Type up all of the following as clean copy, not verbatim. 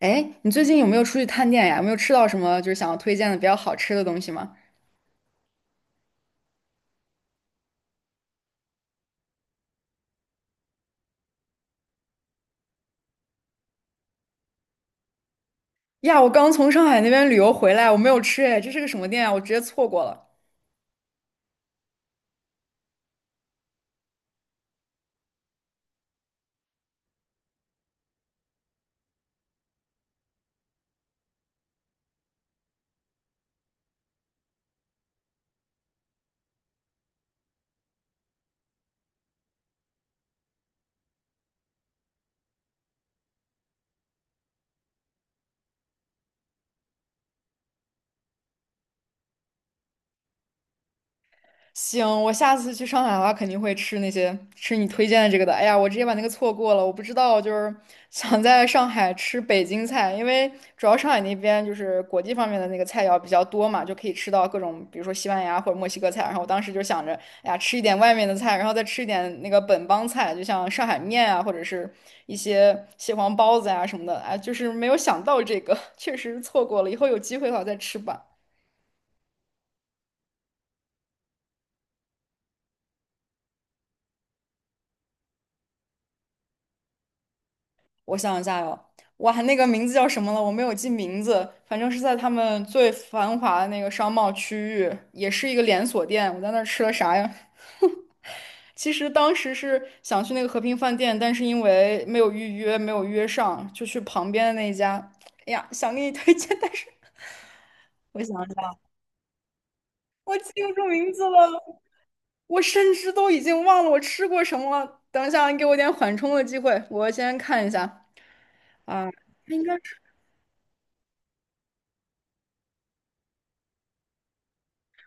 哎，你最近有没有出去探店呀？有没有吃到什么就是想要推荐的比较好吃的东西吗？呀，我刚从上海那边旅游回来，我没有吃哎，这是个什么店啊？我直接错过了。行，我下次去上海的话，肯定会吃那些吃你推荐的这个的。哎呀，我直接把那个错过了，我不知道，就是 想在上海吃北京菜，因为主要上海那边就是国际方面的那个菜肴比较多嘛，就可以吃到各种，比如说西班牙或者墨西哥菜。然后我当时就想着，哎呀，吃一点外面的菜，然后再吃一点那个本帮菜，就像上海面啊，或者是一些蟹黄包子呀、什么的。哎，就是没有想到这个，确实错过了，以后有机会的话再吃吧。我想一下哟，哇，那个名字叫什么了？我没有记名字，反正是在他们最繁华的那个商贸区域，也是一个连锁店。我在那儿吃了啥呀？其实当时是想去那个和平饭店，但是因为没有预约，没有约上，就去旁边的那一家。哎呀，想给你推荐，但是 我想一下，我记不住名字了，我甚至都已经忘了我吃过什么了。等一下，你给我点缓冲的机会，我先看一下啊，应该。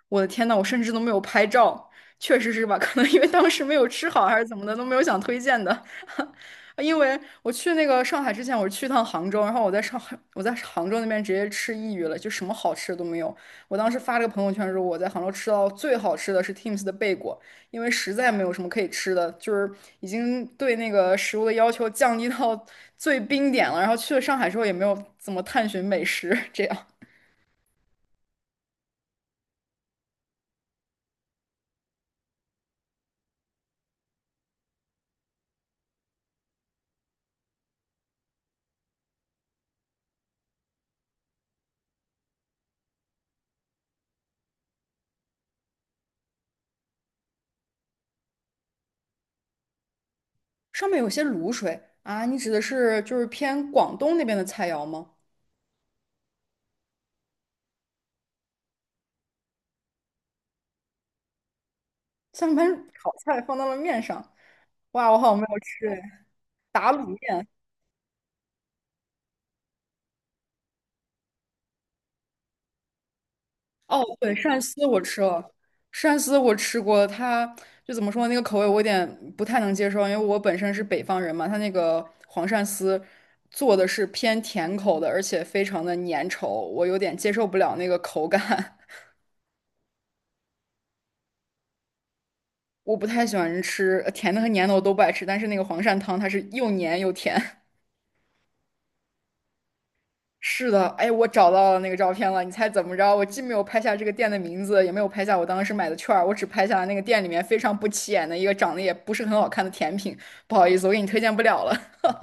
我的天呐，我甚至都没有拍照，确实是吧？可能因为当时没有吃好还是怎么的，都没有想推荐的。因为我去那个上海之前，我是去趟杭州，然后我在上海，我在杭州那边直接吃抑郁了，就什么好吃的都没有。我当时发了个朋友圈说，我在杭州吃到最好吃的是 Teams 的贝果，因为实在没有什么可以吃的，就是已经对那个食物的要求降低到最冰点了。然后去了上海之后，也没有怎么探寻美食，这样。上面有些卤水啊，你指的是就是偏广东那边的菜肴吗？像把炒菜放到了面上，哇，我好像没有吃哎。打卤面，哦，对，鳝丝我吃了，鳝丝我吃过，它就怎么说那个口味我有点不太能接受，因为我本身是北方人嘛，它那个黄鳝丝做的是偏甜口的，而且非常的粘稠，我有点接受不了那个口感。我不太喜欢吃甜的和粘的，我都不爱吃，但是那个黄鳝汤它是又粘又甜。是的，哎，我找到了那个照片了。你猜怎么着？我既没有拍下这个店的名字，也没有拍下我当时买的券儿，我只拍下了那个店里面非常不起眼的一个长得也不是很好看的甜品。不好意思，我给你推荐不了了。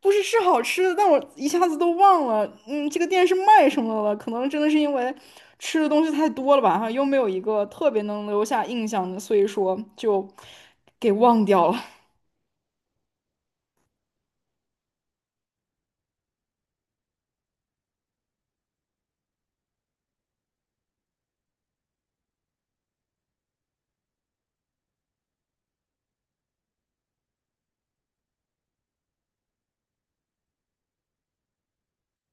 不是是好吃的，但我一下子都忘了，嗯，这个店是卖什么的了？可能真的是因为吃的东西太多了吧，哈，又没有一个特别能留下印象的，所以说就给忘掉了。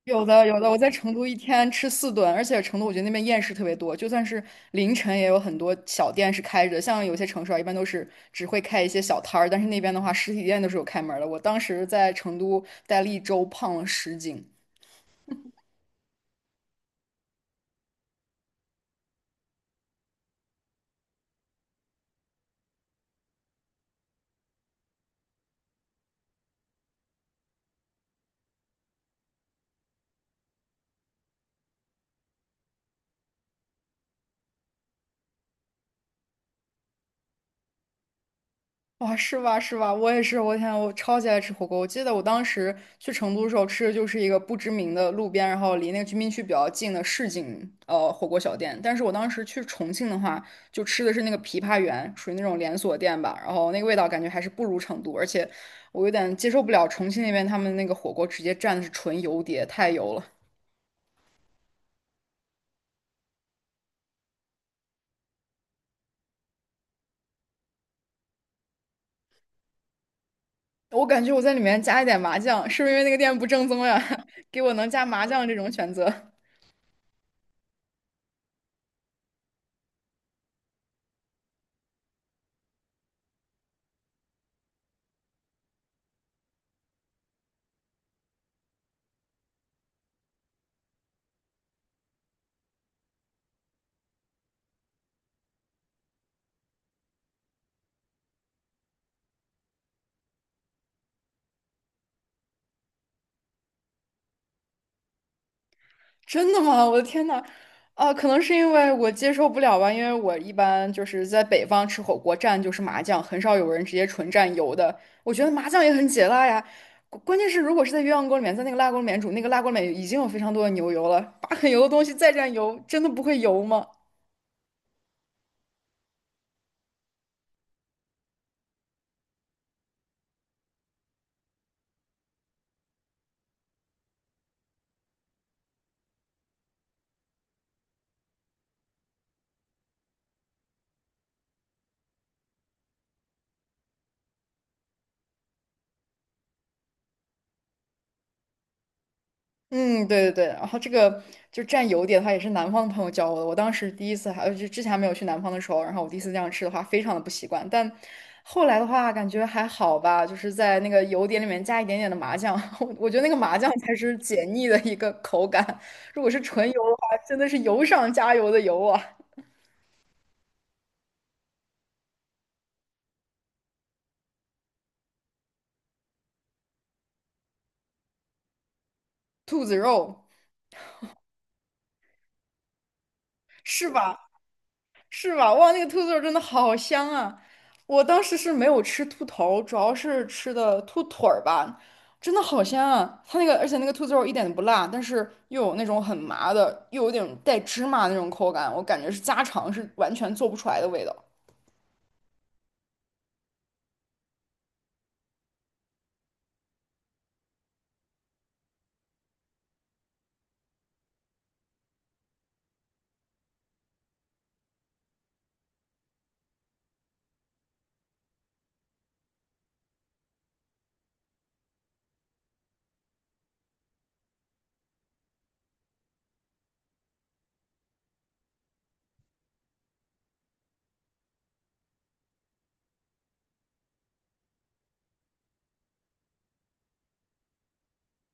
有的有的，我在成都一天吃四顿，而且成都我觉得那边夜市特别多，就算是凌晨也有很多小店是开着，像有些城市啊，一般都是只会开一些小摊儿，但是那边的话，实体店都是有开门儿的。我当时在成都待了一周，胖了10斤。哇，是吧是吧？我也是，我天，我超级爱吃火锅。我记得我当时去成都的时候吃的就是一个不知名的路边，然后离那个居民区比较近的市井火锅小店。但是我当时去重庆的话，就吃的是那个枇杷园，属于那种连锁店吧。然后那个味道感觉还是不如成都，而且我有点接受不了重庆那边他们那个火锅直接蘸的是纯油碟，太油了。我感觉我在里面加一点麻酱，是不是因为那个店不正宗呀？给我能加麻酱这种选择。真的吗？我的天呐！啊，可能是因为我接受不了吧，因为我一般就是在北方吃火锅蘸就是麻酱，很少有人直接纯蘸油的。我觉得麻酱也很解辣呀。关键是如果是在鸳鸯锅里面，在那个辣锅里面煮，那个辣锅里面已经有非常多的牛油了，把很油的东西再蘸油，真的不会油吗？嗯，对对对，然后这个就蘸油碟的话，也是南方的朋友教我的。我当时第一次还就之前还没有去南方的时候，然后我第一次这样吃的话，非常的不习惯。但后来的话，感觉还好吧，就是在那个油碟里面加一点点的麻酱，我觉得那个麻酱才是解腻的一个口感。如果是纯油的话，真的是油上加油的油啊，兔子肉是吧？是吧？哇，那个兔子肉真的好香啊！我当时是没有吃兔头，主要是吃的兔腿儿吧，真的好香啊！它那个，而且那个兔子肉一点都不辣，但是又有那种很麻的，又有点带芝麻的那种口感，我感觉是家常是完全做不出来的味道。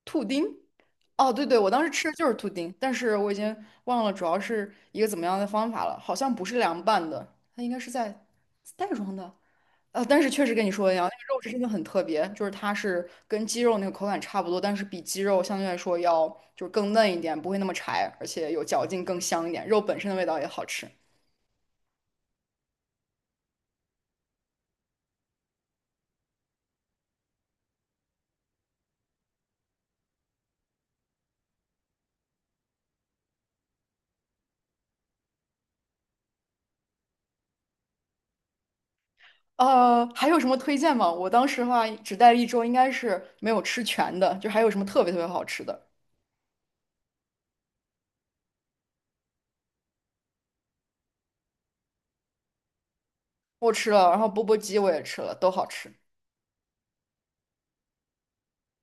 兔丁，哦，对对，我当时吃的就是兔丁，但是我已经忘了主要是一个怎么样的方法了，好像不是凉拌的，它应该是在袋装的。但是确实跟你说的一样，那个肉质真的很特别，就是它是跟鸡肉那个口感差不多，但是比鸡肉相对来说要就是更嫩一点，不会那么柴，而且有嚼劲，更香一点，肉本身的味道也好吃。还有什么推荐吗？我当时的话只待了一周，应该是没有吃全的，就还有什么特别特别好吃的，我吃了，然后钵钵鸡我也吃了，都好吃。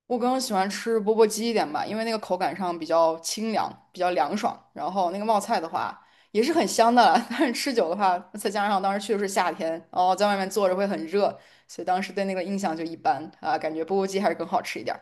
我更喜欢吃钵钵鸡一点吧，因为那个口感上比较清凉，比较凉爽。然后那个冒菜的话也是很香的啦 但是吃久的话，再加上当时去的是夏天，然后在外面坐着会很热，所以当时对那个印象就一般啊，感觉钵钵鸡还是更好吃一点。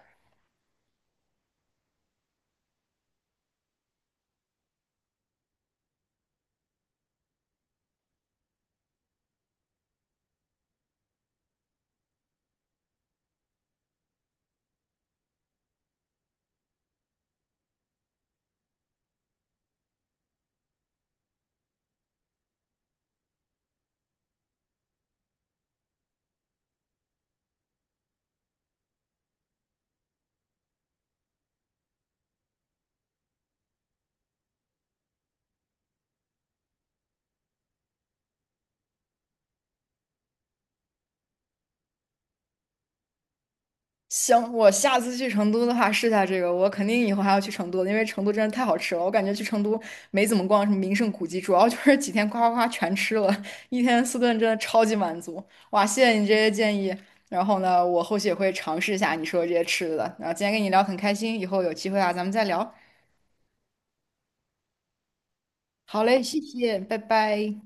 行，我下次去成都的话试下这个，我肯定以后还要去成都的因为成都真的太好吃了。我感觉去成都没怎么逛什么名胜古迹，主要就是几天夸夸夸全吃了，一天四顿真的超级满足。哇，谢谢你这些建议，然后呢，我后续也会尝试一下你说的这些吃的。然后今天跟你聊很开心，以后有机会啊，咱们再聊。好嘞，谢谢，拜拜。